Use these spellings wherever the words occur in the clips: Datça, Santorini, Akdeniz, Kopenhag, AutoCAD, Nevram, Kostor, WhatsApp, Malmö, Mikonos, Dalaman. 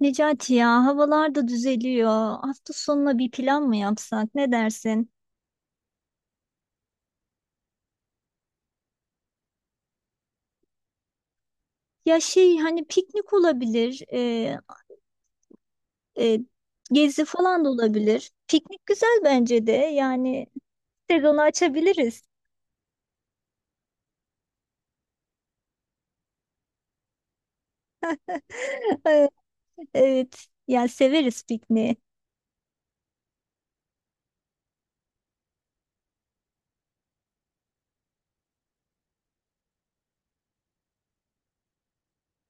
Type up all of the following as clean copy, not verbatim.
Necati ya havalar da düzeliyor. Hafta sonuna bir plan mı yapsak? Ne dersin? Ya şey hani piknik olabilir, e, gezi falan da olabilir. Piknik güzel bence de. Yani sezonu açabiliriz. Evet, yani severiz pikniği.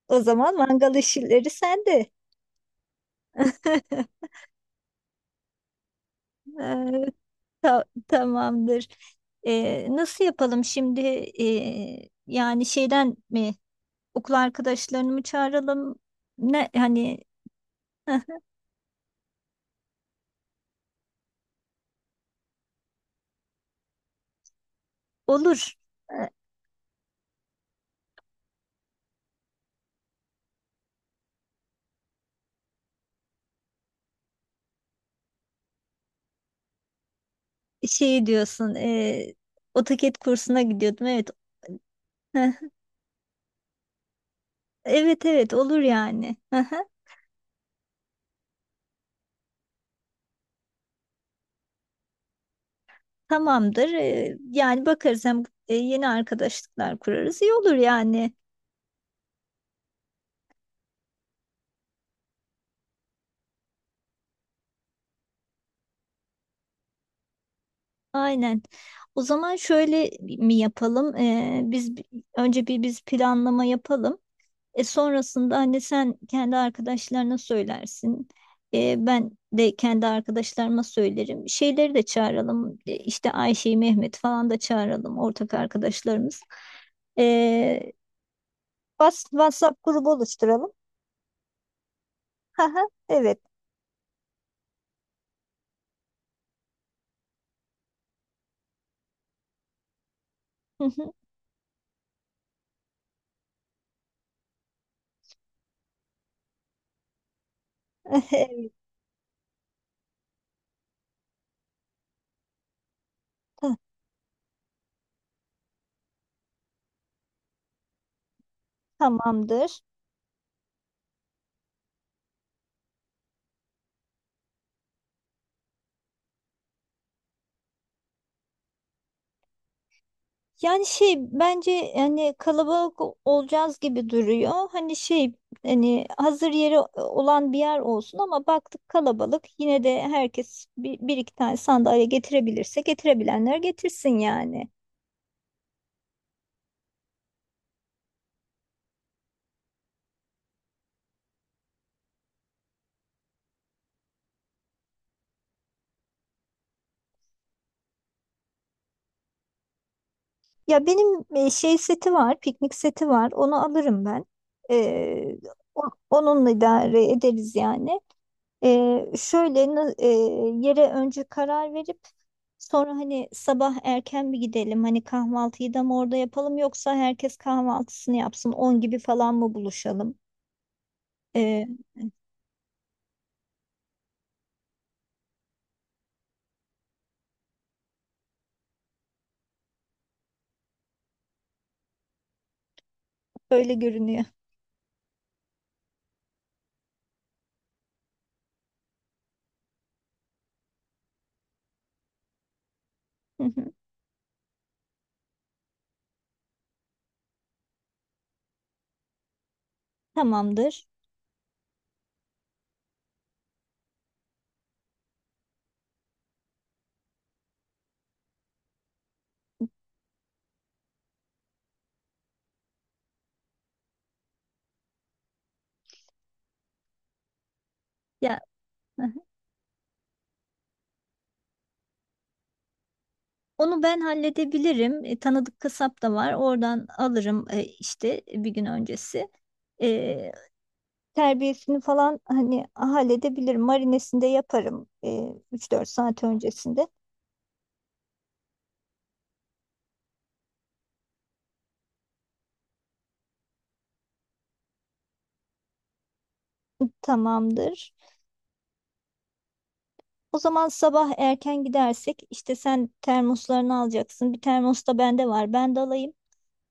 O zaman mangal işleri sende. E, Tamamdır. E, nasıl yapalım şimdi? E, yani şeyden mi? Okul arkadaşlarını mı çağıralım? Ne hani heh, olur. Şey diyorsun, AutoCAD kursuna gidiyordum. Evet. Heh, evet evet olur yani. Hı hı, tamamdır. Yani bakarız, hem yeni arkadaşlıklar kurarız. İyi olur yani. Aynen. O zaman şöyle mi yapalım? Önce bir biz planlama yapalım. E sonrasında hani sen kendi arkadaşlarına söylersin. E, ben de kendi arkadaşlarıma söylerim. Şeyleri de çağıralım. E, işte Ayşe'yi, Mehmet falan da çağıralım. Ortak arkadaşlarımız. E, WhatsApp grubu oluşturalım. Haha, evet. Evet, ta- tamamdır. Yani şey bence hani kalabalık olacağız gibi duruyor. Hani şey hani hazır yeri olan bir yer olsun ama baktık kalabalık yine de herkes bir iki tane sandalye getirebilirse getirebilenler getirsin yani. Ya benim şey seti var, piknik seti var. Onu alırım ben. Ee, o- Onunla idare ederiz yani. Ee, şöyle na- e, Yere önce karar verip sonra hani sabah erken bir gidelim, hani kahvaltıyı da mı orada yapalım yoksa herkes kahvaltısını yapsın 10 gibi falan mı buluşalım? Ee, öyle görünüyor. Hı hı. Tamamdır. Ya hı hı, onu ben halledebilirim. E, tanıdık kasap da var. Oradan alırım işte bir gün öncesi. E, terbiyesini falan hani halledebilirim. Marinesini de yaparım 3-4 saat öncesinde. Tamamdır. O zaman sabah erken gidersek işte sen termoslarını alacaksın. Bir termos da bende var. Ben de alayım.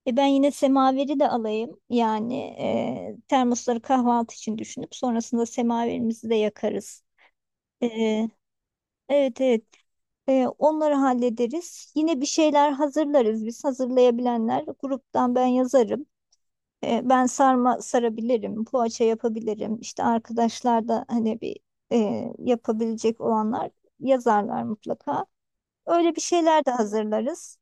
E ben yine semaveri de alayım. Yani termosları kahvaltı için düşünüp sonrasında semaverimizi de yakarız. E, evet evet. E, onları hallederiz. Yine bir şeyler hazırlarız biz. Hazırlayabilenler gruptan ben yazarım. E, ben sarma sarabilirim, poğaça yapabilirim. İşte arkadaşlar da hani yapabilecek olanlar yazarlar mutlaka. Öyle bir şeyler de hazırlarız.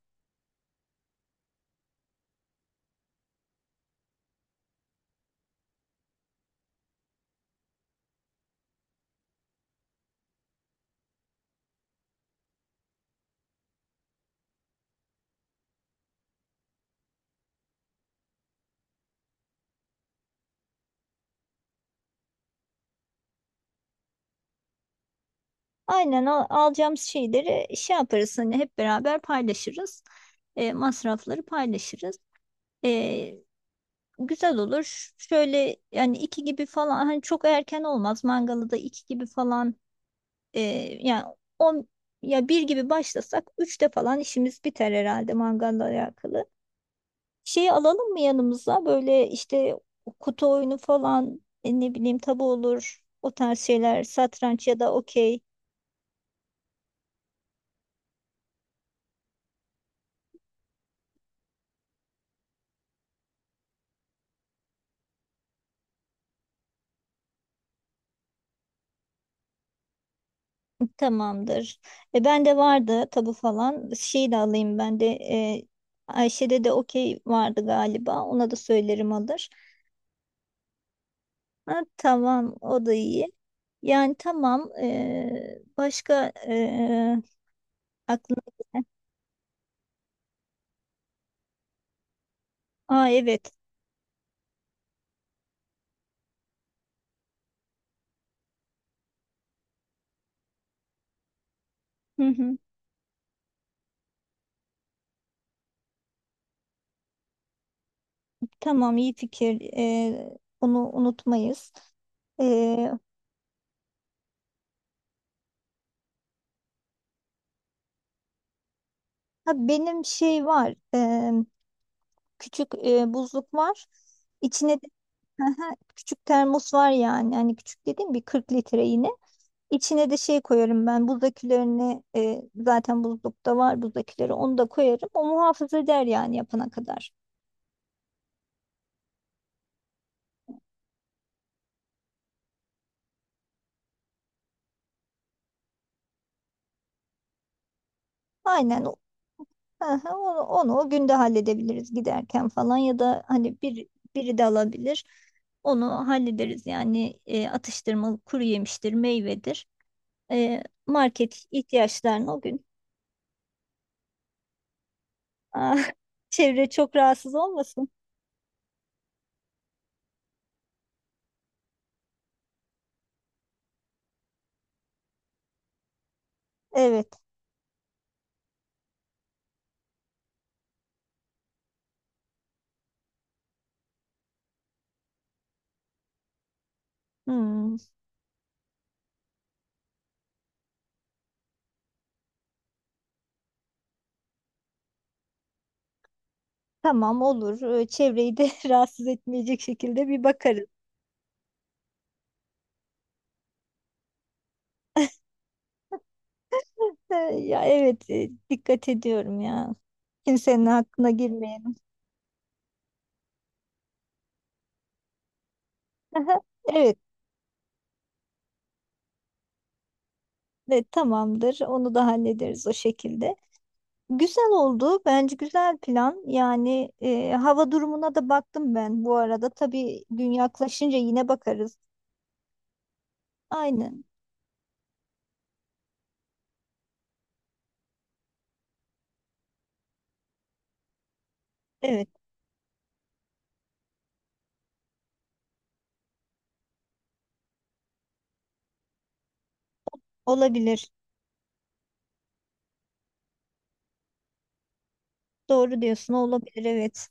Aynen, alacağımız şeyleri şey yaparız, hani hep beraber paylaşırız. E, masrafları paylaşırız. E, güzel olur. Şöyle yani iki gibi falan, hani çok erken olmaz. Mangalı da iki gibi falan, e, yani on ya bir gibi başlasak üçte falan işimiz biter herhalde mangalla alakalı. Şeyi alalım mı yanımıza? Böyle işte kutu oyunu falan, ne bileyim tabu olur. O tarz şeyler, satranç ya da okey. Tamamdır. E, ben de vardı tabu falan. Şeyi de alayım ben de. E, Ayşe'de de okey vardı galiba. Ona da söylerim alır. Ha, tamam o da iyi. Yani tamam. e, başka e, aklına Aa evet. Hı hı. Tamam iyi fikir. Onu unutmayız. Ee, ha benim şey var. Küçük buzluk var. İçine de Aha, küçük termos var yani. Hani küçük dediğim bir 40 litre yine. İçine de şey koyarım ben. Buzdakilerini zaten buzlukta var buzdakileri. Onu da koyarım. O muhafaza eder yani yapana kadar. Aynen. Aha, onu o günde halledebiliriz giderken falan ya da hani biri de alabilir. Onu hallederiz yani, atıştırmalık, kuru yemiştir, meyvedir. E, market ihtiyaçlarını o gün. Ah, çevre çok rahatsız olmasın. Evet. Hmm, tamam olur. E, çevreyi de rahatsız etmeyecek şekilde bir bakarız. E, ya evet dikkat ediyorum ya. Kimsenin hakkına girmeyelim. Evet, evet, tamamdır. Onu da hallederiz o şekilde. Güzel oldu. Bence güzel plan. Yani hava durumuna da baktım ben bu arada. Tabii gün yaklaşınca yine bakarız. Aynen. Evet, olabilir. Doğru diyorsun, olabilir. Evet.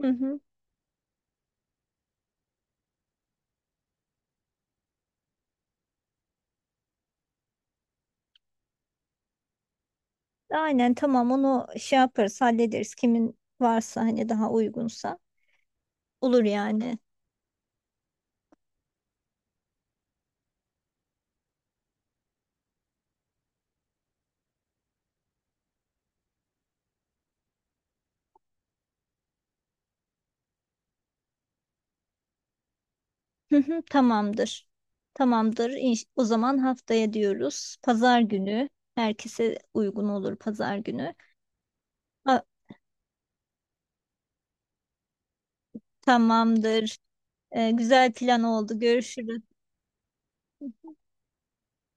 Hı hı. Aynen tamam, onu şey yaparız, hallederiz. Kimin varsa, hani daha uygunsa olur yani. Hı hı, tamamdır. Tamamdır. O zaman haftaya diyoruz. Pazar günü. Herkese uygun olur pazar günü. Ha, tamamdır. Güzel plan oldu. Görüşürüz.